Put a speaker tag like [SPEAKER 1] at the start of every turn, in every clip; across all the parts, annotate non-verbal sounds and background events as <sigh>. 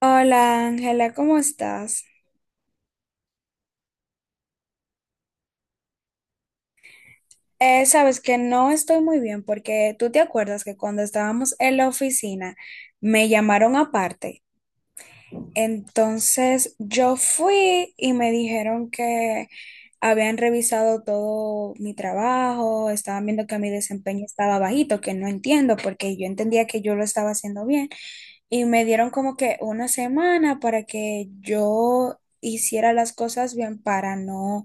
[SPEAKER 1] Hola Ángela, ¿cómo estás? Sabes que no estoy muy bien porque tú te acuerdas que cuando estábamos en la oficina me llamaron aparte. Entonces yo fui y me dijeron que habían revisado todo mi trabajo, estaban viendo que mi desempeño estaba bajito, que no entiendo porque yo entendía que yo lo estaba haciendo bien. Y me dieron como que una semana para que yo hiciera las cosas bien para no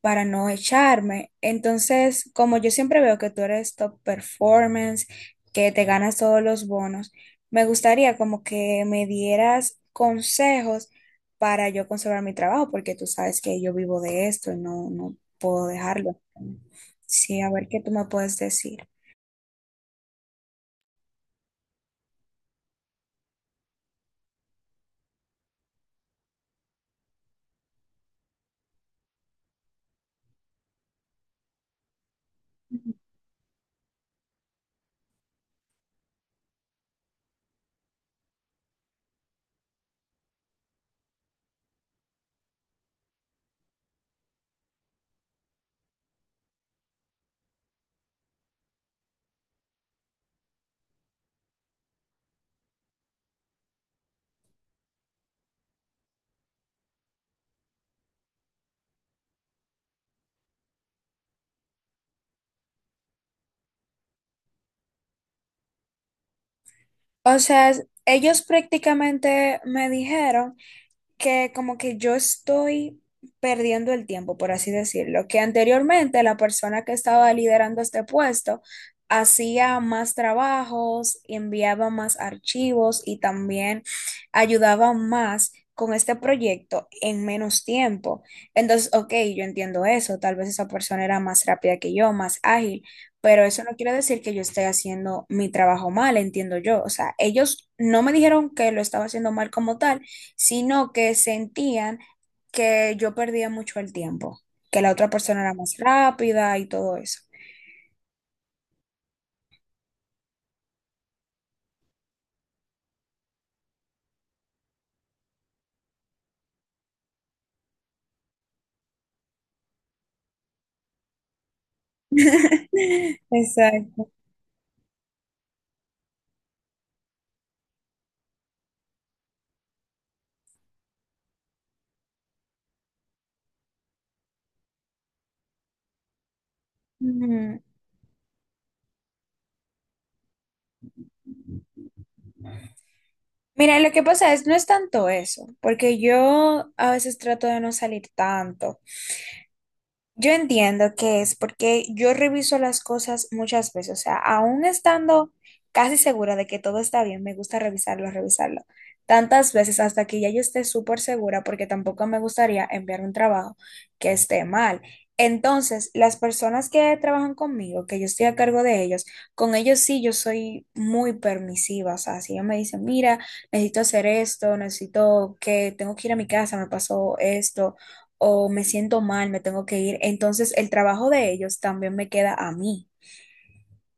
[SPEAKER 1] para no echarme. Entonces, como yo siempre veo que tú eres top performance, que te ganas todos los bonos, me gustaría como que me dieras consejos para yo conservar mi trabajo, porque tú sabes que yo vivo de esto y no puedo dejarlo. Sí, a ver qué tú me puedes decir. O sea, ellos prácticamente me dijeron que como que yo estoy perdiendo el tiempo, por así decirlo, que anteriormente la persona que estaba liderando este puesto hacía más trabajos, enviaba más archivos y también ayudaba más con este proyecto en menos tiempo. Entonces, ok, yo entiendo eso, tal vez esa persona era más rápida que yo, más ágil, pero eso no quiere decir que yo esté haciendo mi trabajo mal, entiendo yo. O sea, ellos no me dijeron que lo estaba haciendo mal como tal, sino que sentían que yo perdía mucho el tiempo, que la otra persona era más rápida y todo eso. <laughs> Exacto. Ujú. Mira, lo que pasa es, no es tanto eso, porque yo a veces trato de no salir tanto. Yo entiendo que es porque yo reviso las cosas muchas veces, o sea, aún estando casi segura de que todo está bien, me gusta revisarlo, revisarlo tantas veces hasta que ya yo esté súper segura porque tampoco me gustaría enviar un trabajo que esté mal. Entonces, las personas que trabajan conmigo, que yo estoy a cargo de ellos, con ellos sí yo soy muy permisiva, o sea, si ellos me dicen, mira, necesito hacer esto, necesito que tengo que ir a mi casa, me pasó esto o me siento mal, me tengo que ir. Entonces el trabajo de ellos también me queda a mí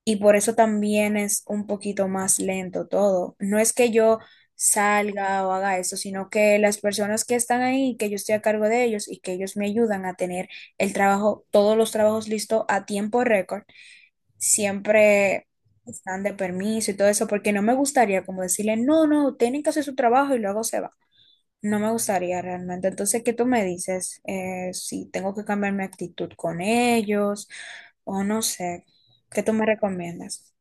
[SPEAKER 1] y por eso también es un poquito más lento todo. No es que yo salga o haga eso, sino que las personas que están ahí, que yo estoy a cargo de ellos y que ellos me ayudan a tener el trabajo, todos los trabajos listos a tiempo récord, siempre están de permiso y todo eso, porque no me gustaría como decirle, no, no, tienen que hacer su trabajo y luego se van. No me gustaría realmente. Entonces, ¿qué tú me dices? Si tengo que cambiar mi actitud con ellos o no sé, ¿qué tú me recomiendas?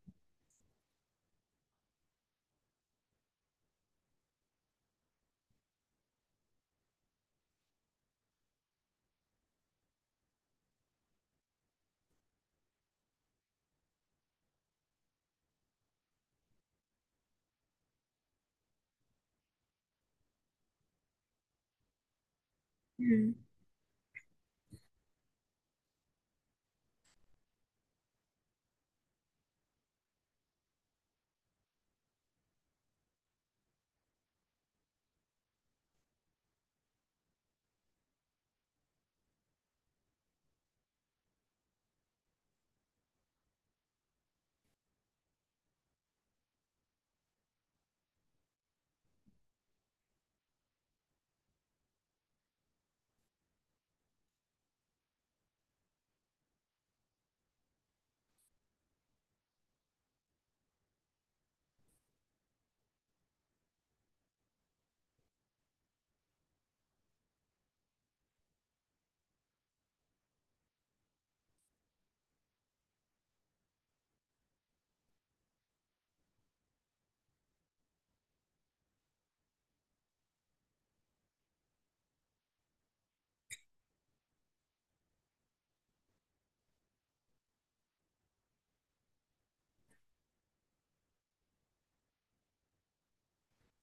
[SPEAKER 1] Mm.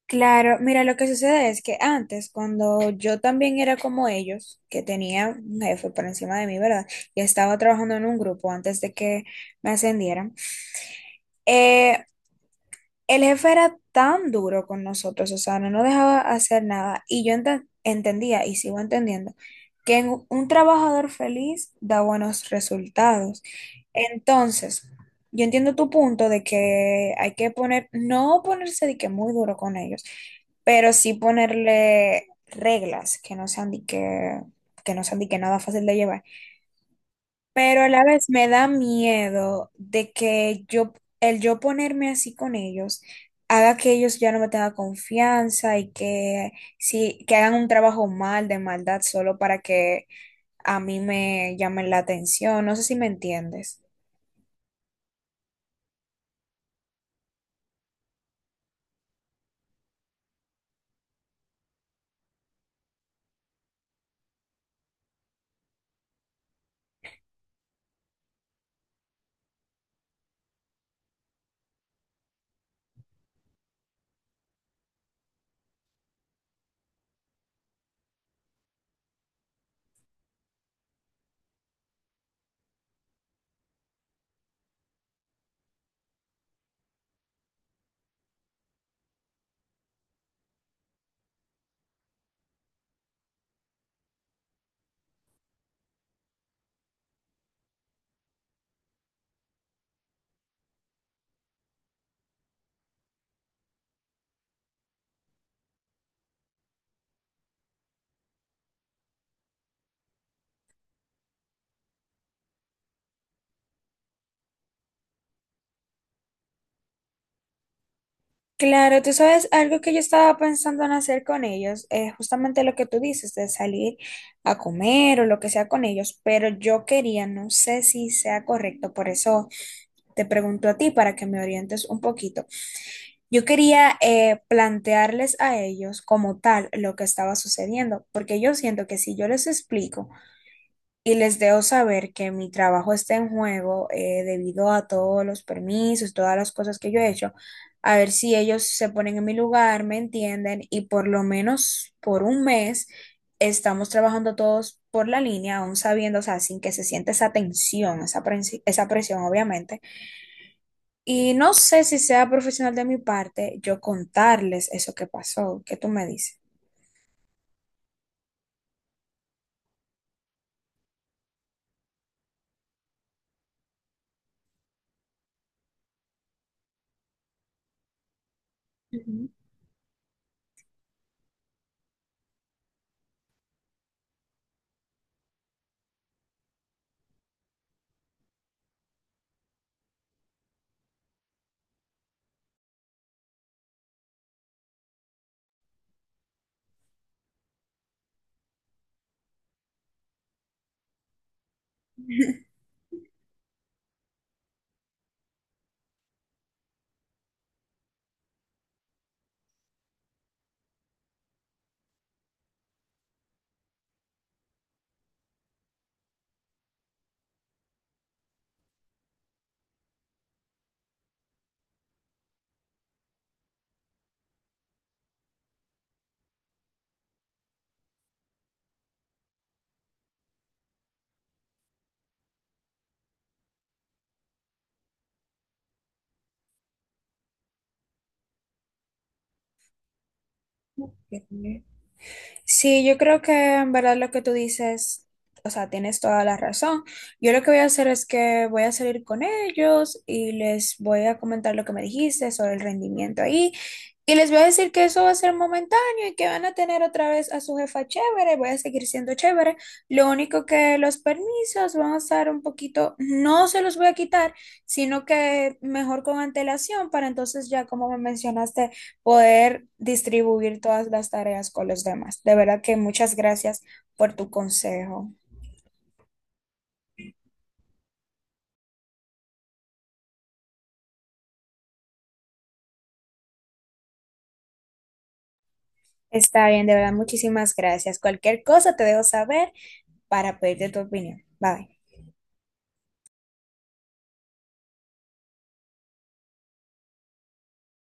[SPEAKER 1] Claro, mira, lo que sucede es que antes, cuando yo también era como ellos, que tenía un jefe por encima de mí, ¿verdad? Y estaba trabajando en un grupo antes de que me ascendieran. eh, El jefe era tan duro con nosotros, o sea, no nos dejaba hacer nada. Y yo entendía, y sigo entendiendo, que un trabajador feliz da buenos resultados. Entonces, yo entiendo tu punto de que hay que poner, no ponerse de que muy duro con ellos, pero sí ponerle reglas que no sean de que no sean de que nada fácil de llevar. Pero a la vez me da miedo de que yo, el yo ponerme así con ellos, haga que ellos ya no me tengan confianza y que, sí, que hagan un trabajo mal, de maldad, solo para que a mí me llamen la atención. No sé si me entiendes. Claro, tú sabes, algo que yo estaba pensando en hacer con ellos es justamente lo que tú dices, de salir a comer o lo que sea con ellos, pero yo quería, no sé si sea correcto, por eso te pregunto a ti para que me orientes un poquito. Yo quería plantearles a ellos como tal lo que estaba sucediendo, porque yo siento que si yo les explico, y les debo saber que mi trabajo está en juego debido a todos los permisos, todas las cosas que yo he hecho. A ver si ellos se ponen en mi lugar, me entienden y por lo menos por un mes estamos trabajando todos por la línea, aún sabiendo, o sea, sin que se sienta esa tensión, esa presión, obviamente. Y no sé si sea profesional de mi parte yo contarles eso que pasó. ¿Qué tú me dices? <laughs> Ok. Sí, yo creo que en verdad lo que tú dices, o sea, tienes toda la razón. Yo lo que voy a hacer es que voy a salir con ellos y les voy a comentar lo que me dijiste sobre el rendimiento ahí. Y les voy a decir que eso va a ser momentáneo y que van a tener otra vez a su jefa chévere, voy a seguir siendo chévere. Lo único que los permisos van a estar un poquito, no se los voy a quitar, sino que mejor con antelación para entonces ya, como me mencionaste poder distribuir todas las tareas con los demás. De verdad que muchas gracias por tu consejo. Está bien, de verdad, muchísimas gracias. Cualquier cosa te dejo saber para pedirte tu opinión. Bye.